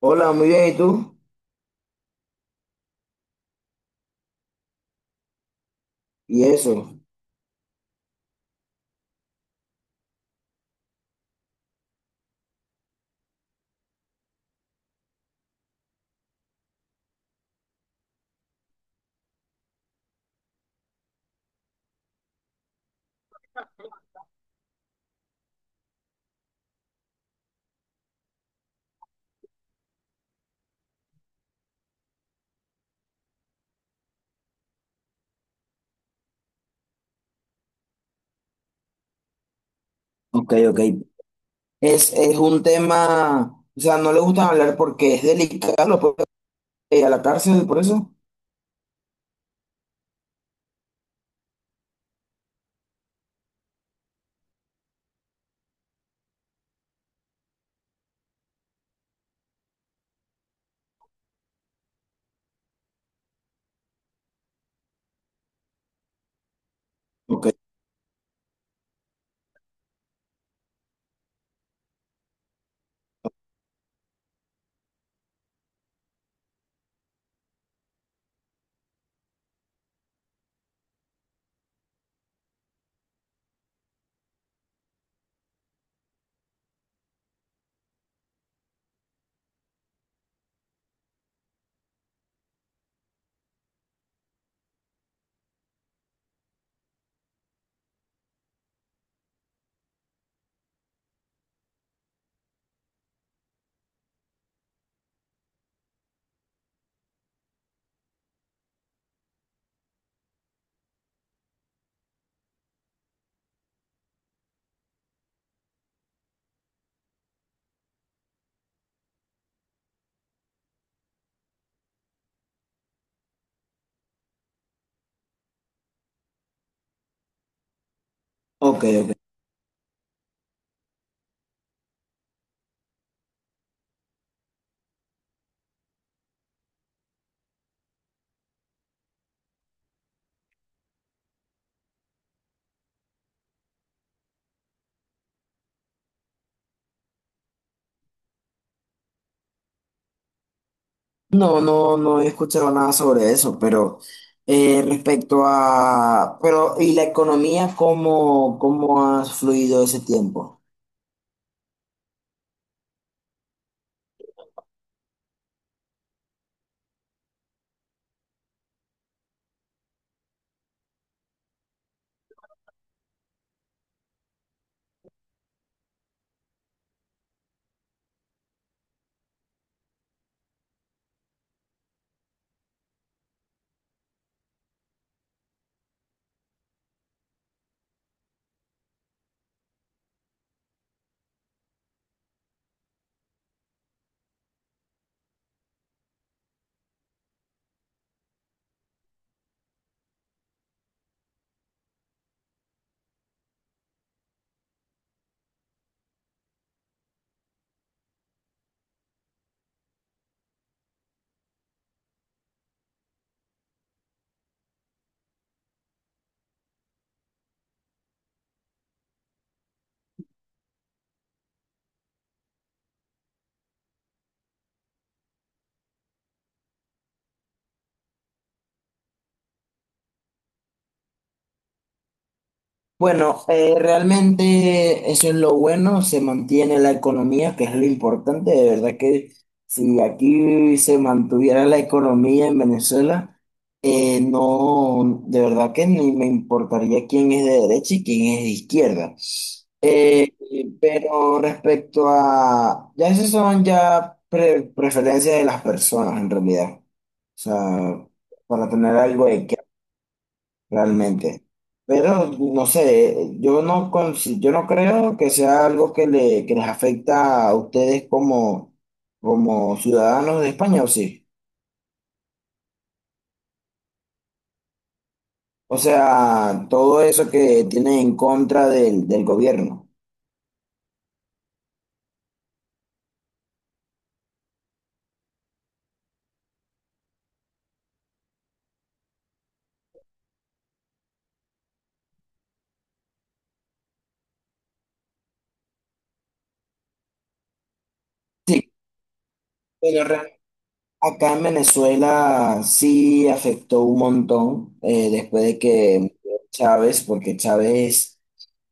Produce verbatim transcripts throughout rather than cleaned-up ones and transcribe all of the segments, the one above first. Hola, muy bien, ¿y tú? Y eso. Ok, ok. Es, es un tema, o sea, no le gusta hablar porque es delicado, lo puede ir a la cárcel por eso. Ok, ok, ok. No, no, no he escuchado nada sobre eso, pero eh, respecto a, pero, ¿y la economía, cómo, cómo ha fluido ese tiempo? Bueno, eh, realmente eso es lo bueno, se mantiene la economía, que es lo importante. De verdad que si aquí se mantuviera la economía en Venezuela, eh, no, de verdad que ni me importaría quién es de derecha y quién es de izquierda. Eh, pero respecto a, ya esas son ya pre- preferencias de las personas en realidad. O sea, para tener algo de realmente. Pero no sé, yo no, consi- yo no creo que sea algo que, le, que les afecta a ustedes como, como ciudadanos de España, ¿o sí? O sea, todo eso que tienen en contra del, del gobierno. Sí, pero re- acá en Venezuela sí afectó un montón eh, después de que Chávez, porque Chávez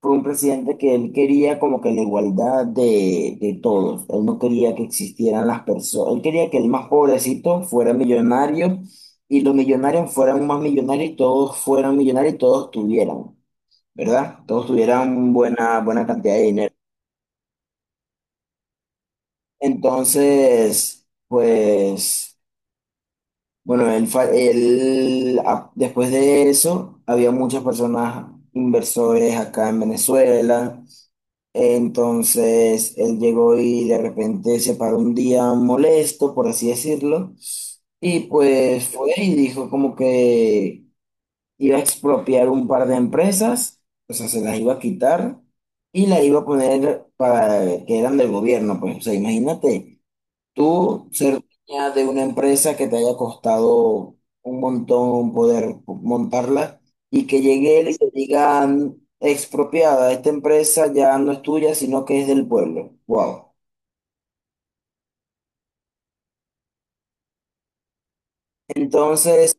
fue un presidente que él quería como que la igualdad de, de todos. Él no quería que existieran las personas. Él quería que el más pobrecito fuera millonario y los millonarios fueran más millonarios y todos fueran millonarios y todos tuvieran, ¿verdad? Todos tuvieran buena, buena cantidad de dinero. Entonces, pues, bueno, él, fa- él, a- después de eso, había muchas personas inversores acá en Venezuela. Entonces él llegó y de repente se paró un día molesto, por así decirlo, y pues fue y dijo como que iba a expropiar un par de empresas, o sea, se las iba a quitar y las iba a poner para que eran del gobierno, pues, o sea, imagínate. Tú ser dueña de una empresa que te haya costado un montón poder montarla y que llegue él y te digan expropiada, esta empresa ya no es tuya, sino que es del pueblo. Wow. Entonces,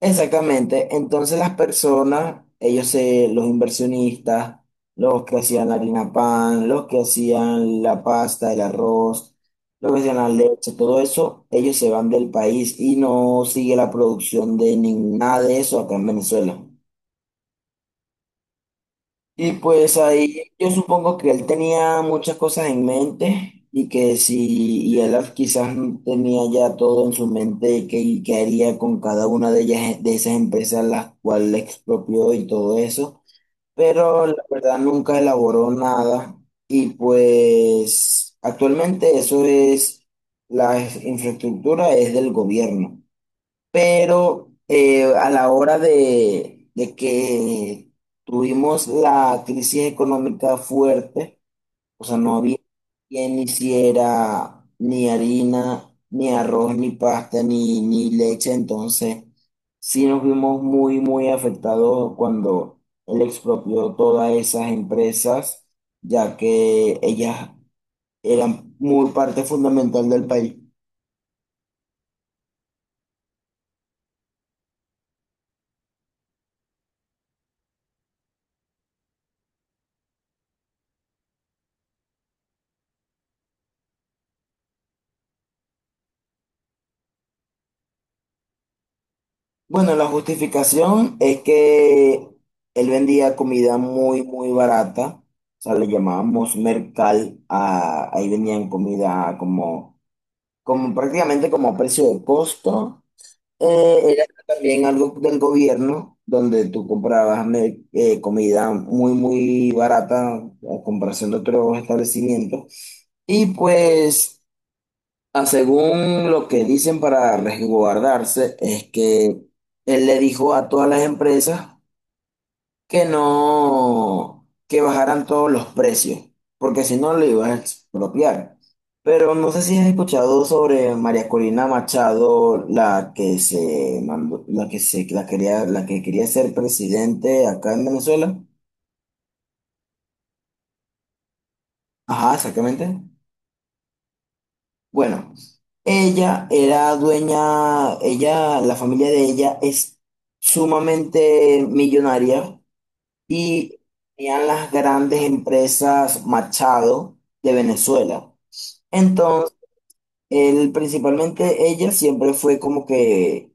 exactamente. Entonces las personas, ellos se, los inversionistas, los que hacían la harina pan, los que hacían la pasta, el arroz, los que hacían la leche, todo eso, ellos se van del país y no sigue la producción de ni- nada de eso acá en Venezuela. Y pues ahí yo supongo que él tenía muchas cosas en mente y que si y él quizás tenía ya todo en su mente y que, y qué haría con cada una de ellas, de esas empresas las cuales expropió y todo eso, pero la verdad nunca elaboró nada y pues actualmente eso es, la infraestructura es del gobierno, pero eh, a la hora de, de que tuvimos la crisis económica fuerte, o sea, no había quien hiciera ni harina, ni arroz, ni pasta, ni, ni leche, entonces sí nos vimos muy, muy afectados cuando él expropió todas esas empresas, ya que ellas eran muy parte fundamental del país. Bueno, la justificación es que él vendía comida muy, muy barata. O sea, le llamábamos mercal. A- ahí vendían comida como, como prácticamente como a precio de costo. Eh, era también algo del gobierno, donde tú comprabas mer- eh, comida muy, muy barata a comparación de otros establecimientos. Y pues... Ah, según lo que dicen para resguardarse, es que él le dijo a todas las empresas que no, que bajaran todos los precios, porque si no lo iba a expropiar. Pero no sé si has escuchado sobre María Corina Machado, la que se mandó, la que se, la quería, la que quería ser presidente acá en Venezuela. Ajá, exactamente. Bueno, ella era dueña, ella, la familia de ella es sumamente millonaria y tenían las grandes empresas Machado de Venezuela. Entonces, él, principalmente ella siempre fue como que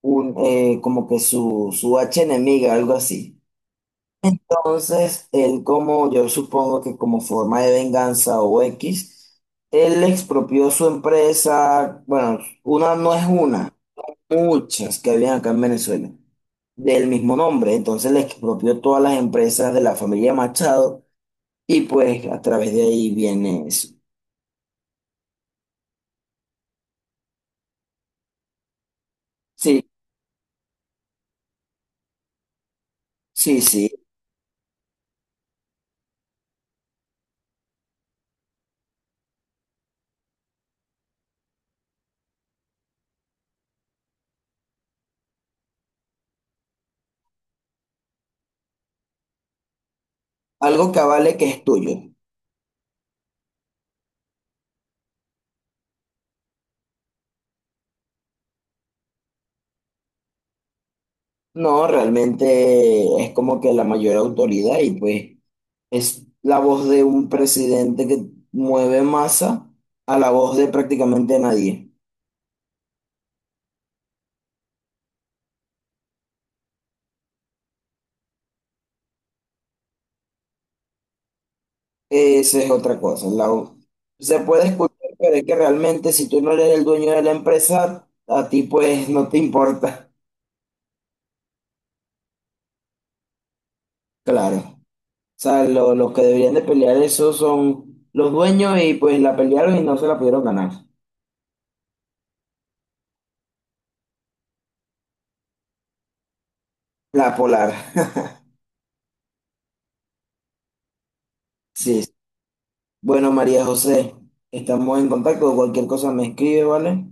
un, eh, como que su, su archienemiga, algo así. Entonces, él como, yo supongo que como forma de venganza o X, él expropió su empresa, bueno, una no es una, muchas que habían acá en Venezuela, del mismo nombre. Entonces le expropió todas las empresas de la familia Machado y pues a través de ahí viene eso. Sí, sí, sí, algo que avale que es tuyo. No, realmente es como que la mayor autoridad y pues... Es la voz de un presidente que mueve masa a la voz de prácticamente nadie. Esa es otra cosa. La, se puede escuchar, pero es que realmente si tú no eres el dueño de la empresa, a ti pues no te importa. Claro. O sea, lo- los que deberían de pelear eso son los dueños y pues la pelearon y no se la pudieron ganar. La polar. Sí. Bueno, María José, estamos en contacto. Cualquier cosa me escribe, ¿vale?